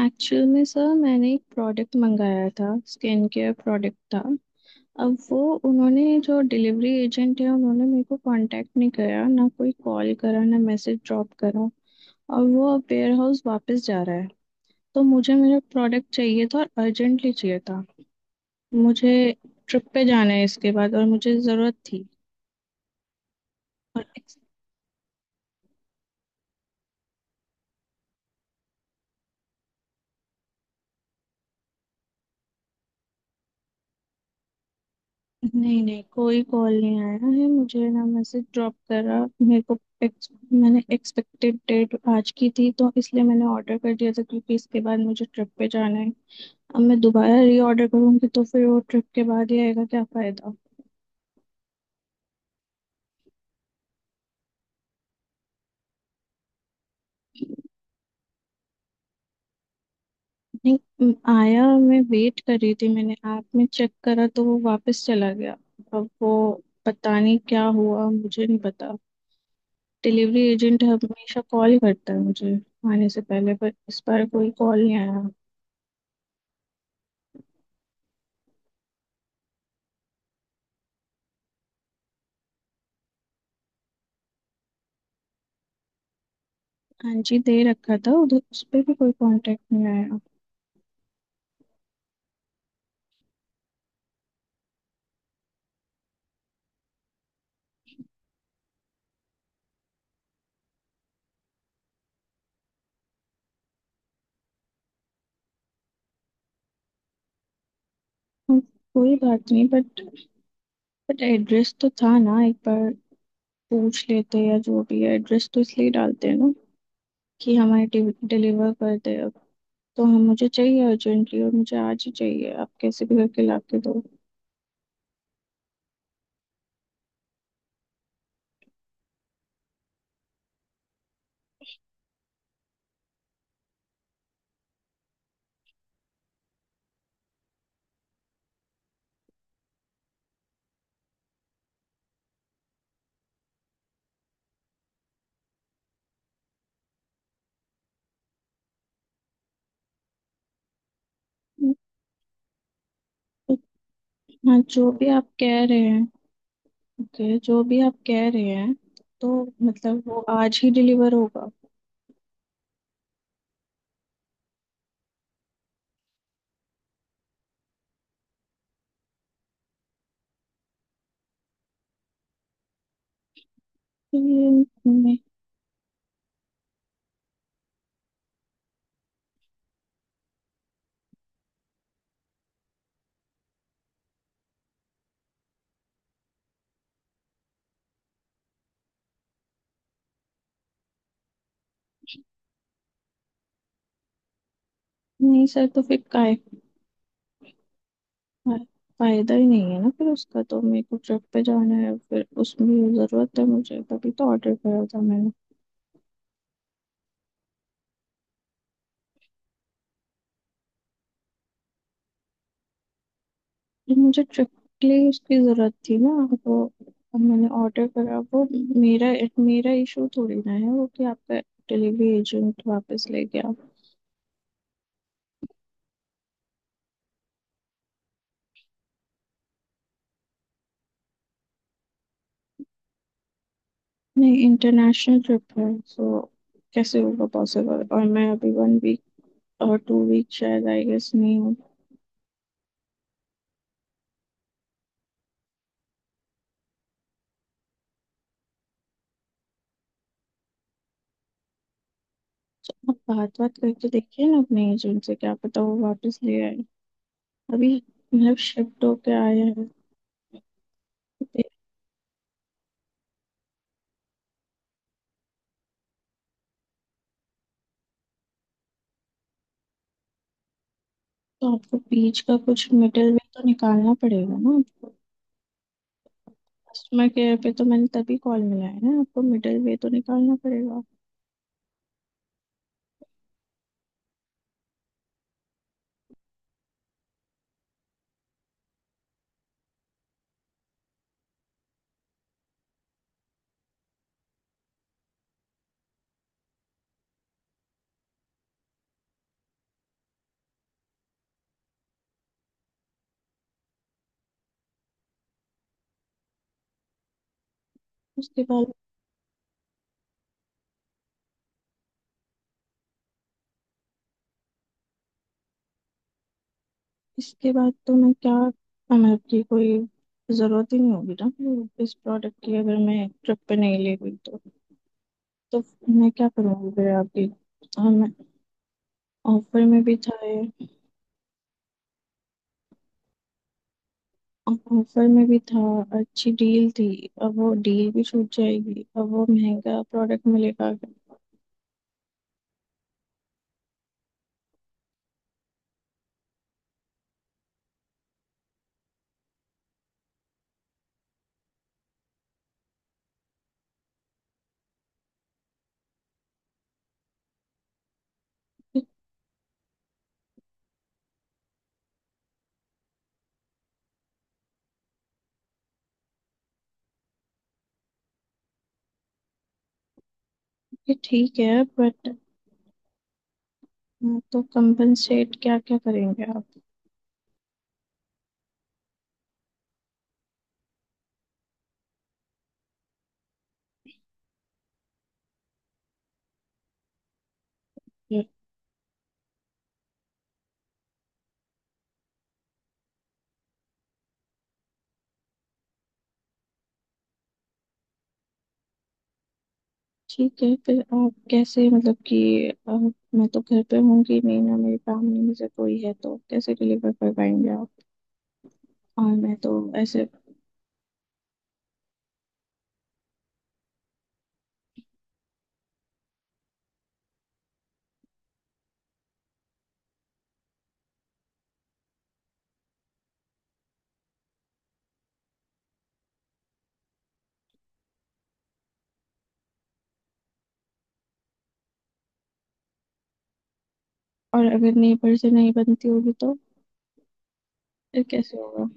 Actual में sir मैंने एक प्रोडक्ट मंगाया था। स्किन केयर प्रोडक्ट था। अब वो उन्होंने जो डिलीवरी एजेंट है उन्होंने मेरे को कांटेक्ट नहीं करा, ना कोई कॉल करा, ना मैसेज ड्रॉप करा। और वो अब वेयर हाउस वापस जा रहा है। तो मुझे मेरा प्रोडक्ट चाहिए था और अर्जेंटली चाहिए था। मुझे ट्रिप पे जाना है इसके बाद, और मुझे ज़रूरत थी। और नहीं नहीं, कोई कॉल नहीं आया है। मुझे ना मैसेज ड्रॉप करा। मेरे को मैंने एक्सपेक्टेड डेट आज की थी तो इसलिए मैंने ऑर्डर कर दिया था, क्योंकि इसके बाद मुझे ट्रिप पे जाना है। अब मैं दोबारा री ऑर्डर करूंगी तो फिर वो ट्रिप के बाद ही आएगा, क्या फायदा। नहीं आया। मैं वेट कर रही थी, मैंने ऐप में चेक करा तो वो वापस चला गया। अब वो पता नहीं क्या हुआ, मुझे नहीं पता। डिलीवरी एजेंट हमेशा कॉल करता है मुझे आने से पहले, पर इस बार कोई कॉल नहीं आया। हाँ जी, दे रखा था। उधर उस पे भी कोई कांटेक्ट नहीं आया। अब कोई बात नहीं, बट एड्रेस तो था ना, एक बार पूछ लेते, या जो भी है, एड्रेस तो इसलिए डालते हैं ना कि हमारे डिलीवर कर दे। अब तो हम मुझे चाहिए अर्जेंटली, और मुझे आज ही चाहिए, आप कैसे भी करके ला के दो। हाँ, जो भी आप कह रहे हैं। ओके, जो भी आप कह रहे हैं। तो मतलब वो आज ही डिलीवर होगा? ये नहीं। नहीं सर, तो फिर काहे फा- फायदा ही नहीं है ना फिर उसका। तो मेरे को ट्रिप पे जाना है, फिर उसमें जरूरत है मुझे, तभी तो ऑर्डर करा था मैंने। फिर मुझे ट्रिप के लिए उसकी जरूरत थी ना वो। अब मैंने ऑर्डर करा वो। मेरा मेरा इशू थोड़ी ना है वो, कि आपका डिलीवरी एजेंट वापस ले गया। नहीं, इंटरनेशनल ट्रिप है सो कैसे होगा पॉसिबल? और मैं अभी वन वीक और टू वीक शायद, आई गेस, नहीं हूँ। आप बात बात करके देखिए ना अपने एजेंट से, क्या पता वो वापस ले आए अभी। मतलब शिफ्ट होके आया है तो फिर। तो आपको बीच का कुछ मिडिल वे तो निकालना पड़ेगा ना आपको। कस्टमर केयर पे तो मैंने तभी कॉल मिलाया है ना आपको, मिडिल वे तो निकालना पड़ेगा। उसके बाद इसके बाद तो मैं क्या मतलब की कोई जरूरत ही नहीं होगी ना फिर इस प्रोडक्ट की, अगर मैं ट्रिप पे नहीं ले गई तो। तो मैं क्या करूँगी फिर आपकी। और मैं, ऑफर में भी था ये। ऑफर में भी था, अच्छी डील थी। अब वो डील भी छूट जाएगी, अब वो महंगा प्रोडक्ट मिलेगा। ये ये ठीक है बट तो कंपनसेट क्या क्या करेंगे आप? ये ठीक है। फिर आप कैसे मतलब कि मैं तो घर पे होंगी नहीं ना, मेरी फैमिली में से कोई है, तो कैसे डिलीवर कर पाएंगे आप? और मैं तो ऐसे। और अगर नेबर से नहीं बनती होगी तो फिर कैसे होगा?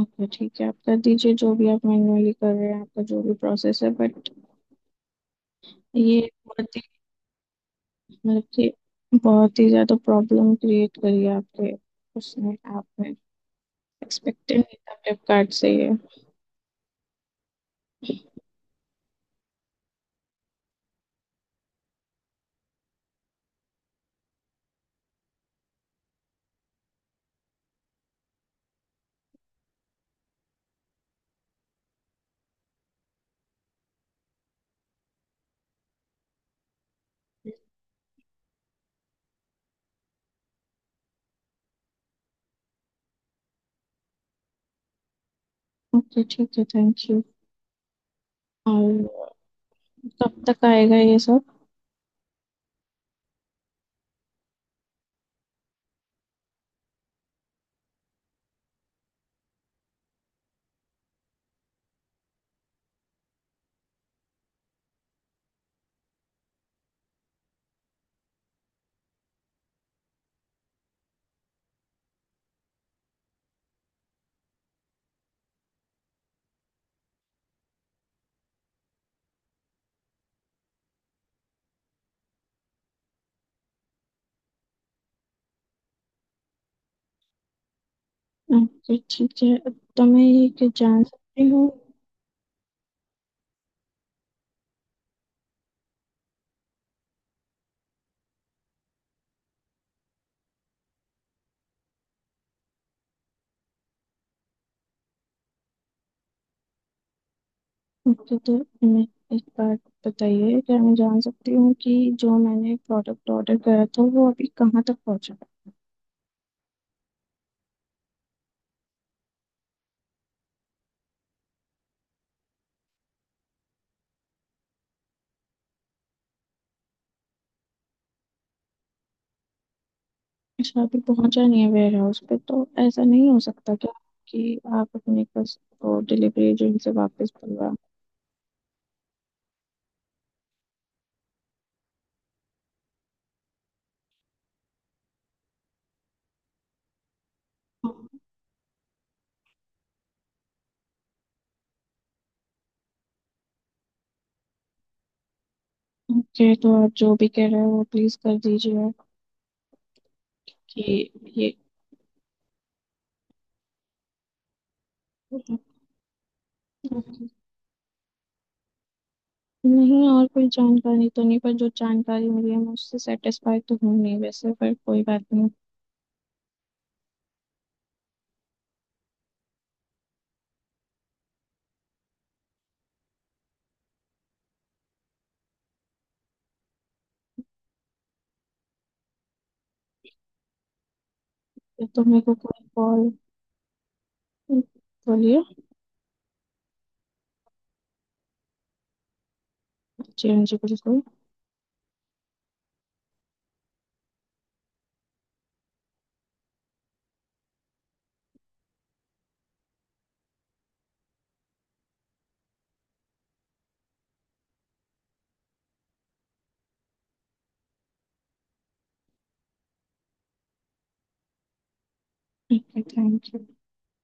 ओके ठीक है, आप कर दीजिए, जो भी आप मैन्युअली कर रहे हैं, आपका जो भी प्रोसेस है। बट ये मतलब कि बहुत ही ज्यादा प्रॉब्लम क्रिएट करी है आपके उसने, ऐप में। एक्सपेक्टेड नहीं था फ्लिपकार्ट से ये। ओके ठीक है, थैंक यू। और कब तक आएगा ये सब? ओके ठीक है। तो मैं ये कि जान सकती हूँ, ओके तो मैं एक बात बताइए, क्या मैं जान सकती हूँ कि जो मैंने प्रोडक्ट ऑर्डर करा था वो अभी कहाँ तक पहुँचा? अच्छा, अभी पहुँचा नहीं है वेयर हाउस पे तो ऐसा नहीं हो सकता क्या कि आप अपने वो डिलीवरी एजेंट से वापस बुलवा। ओके तो आप जो भी कह रहे हो वो प्लीज कर दीजिए, कि ये। नहीं, और कोई जानकारी तो नहीं, पर जो जानकारी मिली है मैं उससे सेटिस्फाई तो हूँ नहीं वैसे, पर कोई बात नहीं। ये तो मेरे को कोई कॉल। बोलिए। जी हाँ जी, बिल्कुल। ठीक है, थैंक यू।